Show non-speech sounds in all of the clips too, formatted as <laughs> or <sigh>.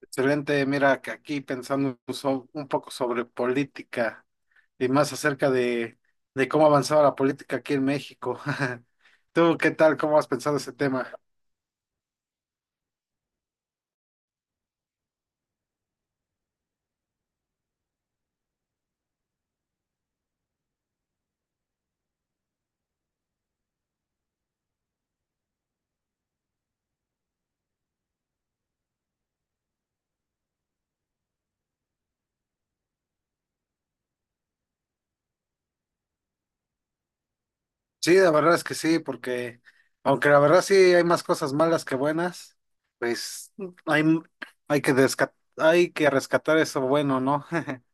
Excelente, mira que aquí pensando un poco sobre política y más acerca de cómo ha avanzado la política aquí en México. <laughs> ¿Tú qué tal? ¿Cómo has pensado ese tema? Sí, la verdad es que sí, porque aunque la verdad sí hay más cosas malas que buenas, pues hay, hay que rescatar eso bueno, ¿no? <laughs>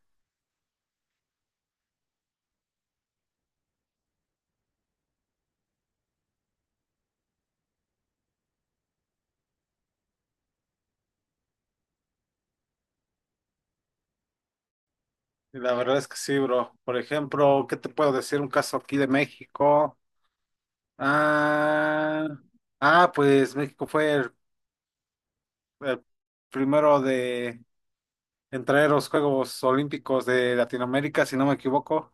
Y la verdad es que sí, bro. Por ejemplo, ¿qué te puedo decir? Un caso aquí de México. Ah, ah, pues México fue el primero de entrar a los Juegos Olímpicos de Latinoamérica, si no me equivoco.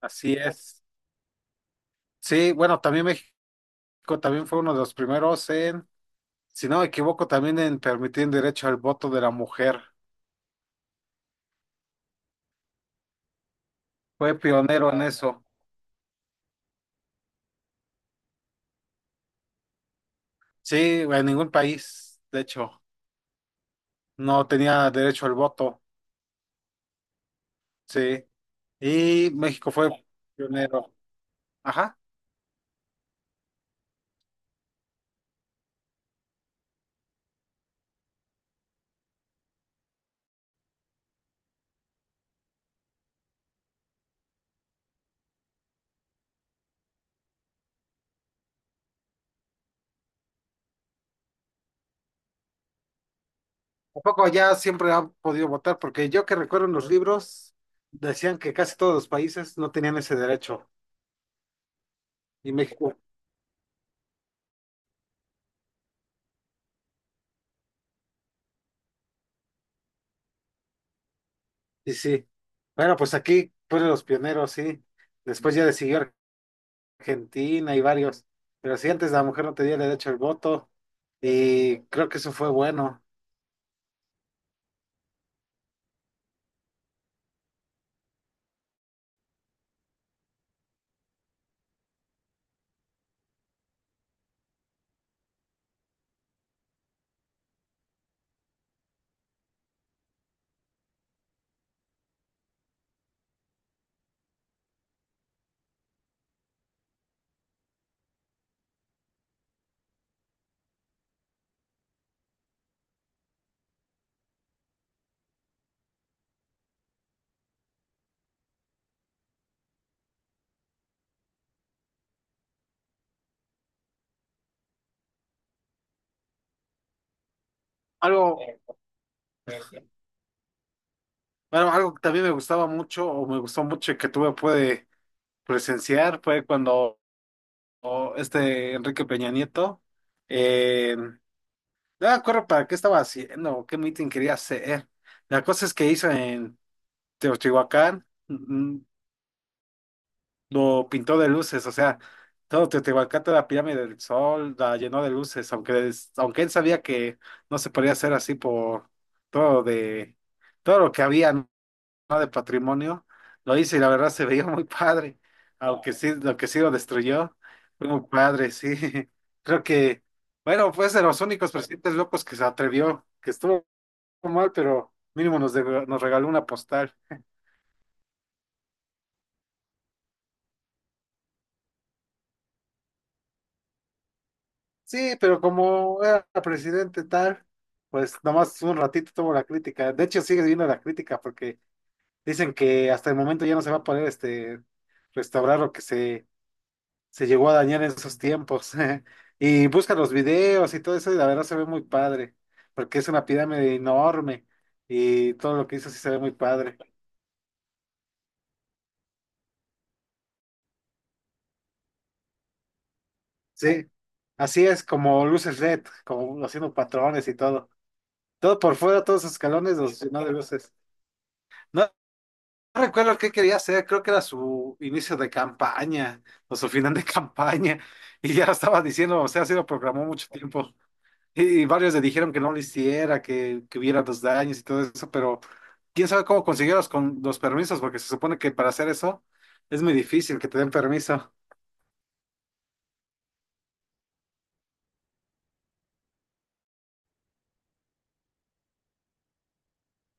Así es. Sí, bueno, también México también fue uno de los primeros en, si no me equivoco, también en permitir el derecho al voto de la mujer. Fue pionero en eso. Sí, en ningún país, de hecho, no tenía derecho al voto. Sí. Y México fue pionero. Ajá. Tampoco ya siempre ha podido votar, porque yo que recuerdo en los libros decían que casi todos los países no tenían ese derecho, y México, y sí. Bueno, pues aquí fueron los pioneros, sí. Después ya le siguió Argentina y varios, pero sí, antes la mujer no tenía derecho al voto, y creo que eso fue bueno. Algo, bueno, algo que también me gustaba mucho, o me gustó mucho y que tuve pude presenciar, fue cuando o, este Enrique Peña Nieto, eh, no me acuerdo para qué estaba haciendo o qué meeting quería hacer. La cosa es que hizo en Teotihuacán, mm, lo pintó de luces, o sea, todo Teotihuacán, toda la pirámide del sol, la llenó de luces, aunque, aunque él sabía que no se podía hacer así por todo de todo lo que había, ¿no? De patrimonio, lo hizo y la verdad se veía <laughs> muy padre, aunque sí, lo que sí lo destruyó, fue muy padre, sí. <laughs> Creo que, bueno, fue de los únicos presidentes locos que se atrevió, que estuvo mal, pero mínimo nos, de nos regaló una postal. Sí, pero como era presidente tal, pues nomás un ratito tuvo la crítica. De hecho, sigue viendo la crítica porque dicen que hasta el momento ya no se va a poder este, restaurar lo que se llegó a dañar en esos tiempos. <laughs> Y busca los videos y todo eso y la verdad se ve muy padre, porque es una pirámide enorme y todo lo que hizo sí se ve muy padre. Sí, así es como luces LED, como haciendo patrones y todo. Todo por fuera, todos esos escalones los llenó de luces. No recuerdo qué quería hacer, creo que era su inicio de campaña o su final de <laughs> campaña. Y ya lo estaba diciendo, o sea, sí lo programó mucho tiempo. Y varios le dijeron que no lo hiciera, que hubiera los daños y todo eso, pero quién sabe cómo consiguió los, con, los permisos, porque se supone que para hacer eso es muy difícil que te den permiso.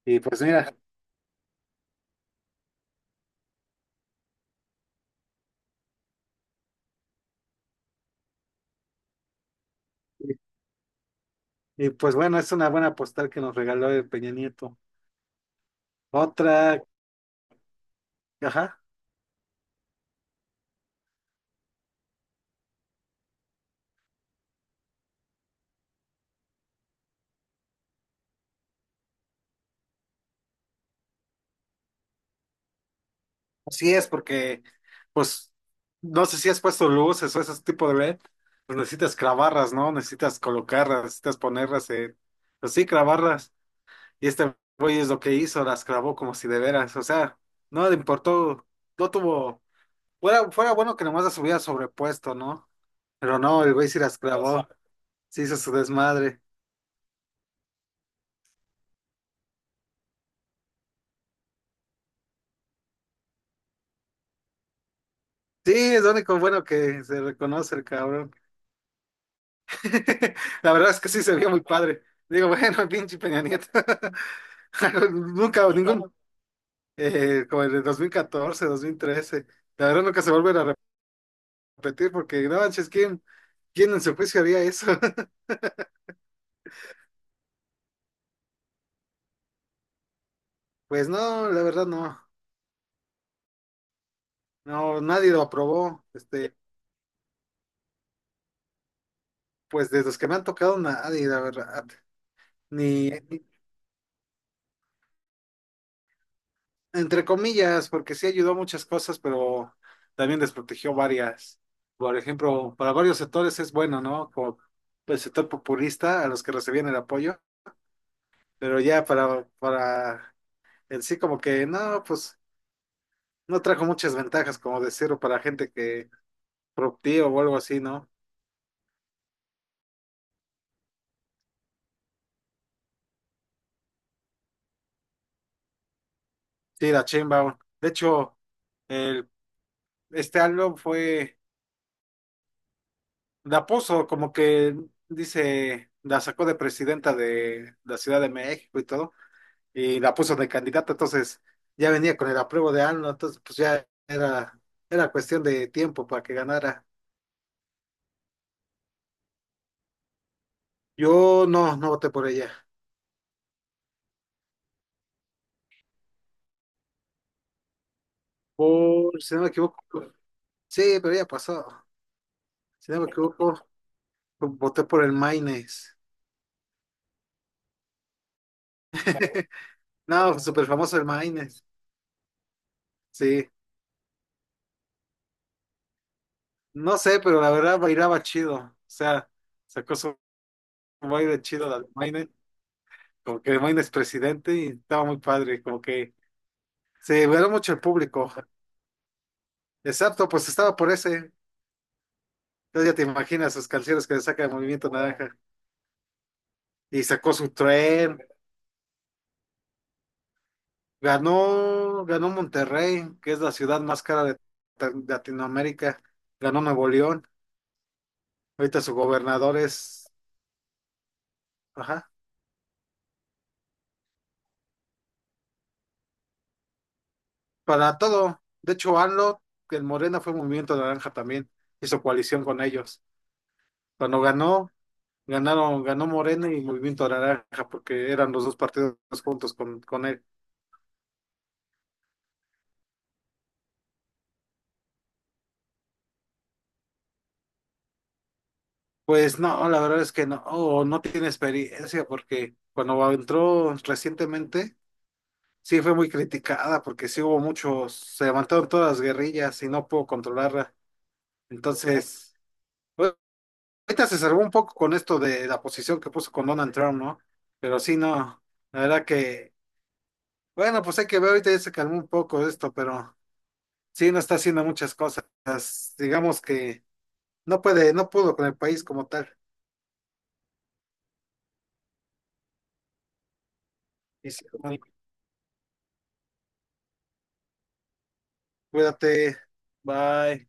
Y pues mira, y, y pues bueno, es una buena postal que nos regaló el Peña Nieto. Otra, ajá. Así es, porque, pues, no sé si has puesto luces o ese tipo de LED, pues necesitas clavarlas, ¿no? Necesitas colocarlas, necesitas ponerlas en, pues sí, clavarlas. Y este güey es lo que hizo, las clavó como si de veras, o sea, no le importó, no tuvo, fuera bueno que nomás las hubiera sobrepuesto, ¿no? Pero no, el güey sí las clavó, sí hizo su desmadre. Sí, es lo único bueno que se reconoce el cabrón. <laughs> La verdad es que sí se vio muy padre. Digo, <laughs> bueno, pinche Peña Nieto. <laughs> <laughs> Nunca, ningún, como en el 2014, 2013. La verdad nunca se vuelven a repetir porque no manches, ¿quién, quién en su juicio haría eso? <laughs> Pues no, la verdad no. No, nadie lo aprobó. Este, pues de los que me han tocado, nadie, la verdad. Ni, ni- entre comillas, porque sí ayudó a muchas cosas, pero también desprotegió varias. Por ejemplo, para varios sectores es bueno, ¿no? Como el sector populista, a los que recibían el apoyo, pero ya para en sí como que no, pues no trajo muchas ventajas, como decirlo, para gente que productiva o algo así, ¿no? Sí, la chimba. De hecho, el, este álbum fue de Pozo, como que dice, la sacó de presidenta de la Ciudad de México y todo, y la puso de candidata, entonces ya venía con el apruebo de AMLO, entonces pues ya era, era cuestión de tiempo para que ganara. Yo no, no voté por ella. Por, si no me equivoco, sí, pero ya pasó. Si no me equivoco, voté por el Maines. <laughs> No, súper famoso el Maines. Sí. No sé, pero la verdad bailaba chido. O sea, sacó su baile chido del Maines. Como que el Maines presidente y estaba muy padre. Como que se veló mucho el público. Exacto, pues estaba por ese. Entonces ya te imaginas sus canciones que le saca el Movimiento Naranja. Y sacó su tren. Ganó, ganó Monterrey, que es la ciudad más cara de Latinoamérica. Ganó Nuevo León. Ahorita su gobernador es. Ajá. Para todo. De hecho, AMLO, que el Morena fue Movimiento Naranja también, hizo coalición con ellos. Cuando ganó, ganaron, ganó Morena y Movimiento Naranja, porque eran los dos partidos juntos con él. Pues no, la verdad es que no, oh, no tiene experiencia, porque cuando entró recientemente, sí fue muy criticada, porque sí hubo muchos, se levantaron todas las guerrillas y no pudo controlarla. Entonces, ahorita se salvó un poco con esto de la posición que puso con Donald Trump, ¿no? Pero sí, no, la verdad que, bueno, pues hay que ver, ahorita ya se calmó un poco esto, pero sí, no está haciendo muchas cosas, digamos que no puede, no pudo con el país como tal. Y sí, bueno, cuídate, bye.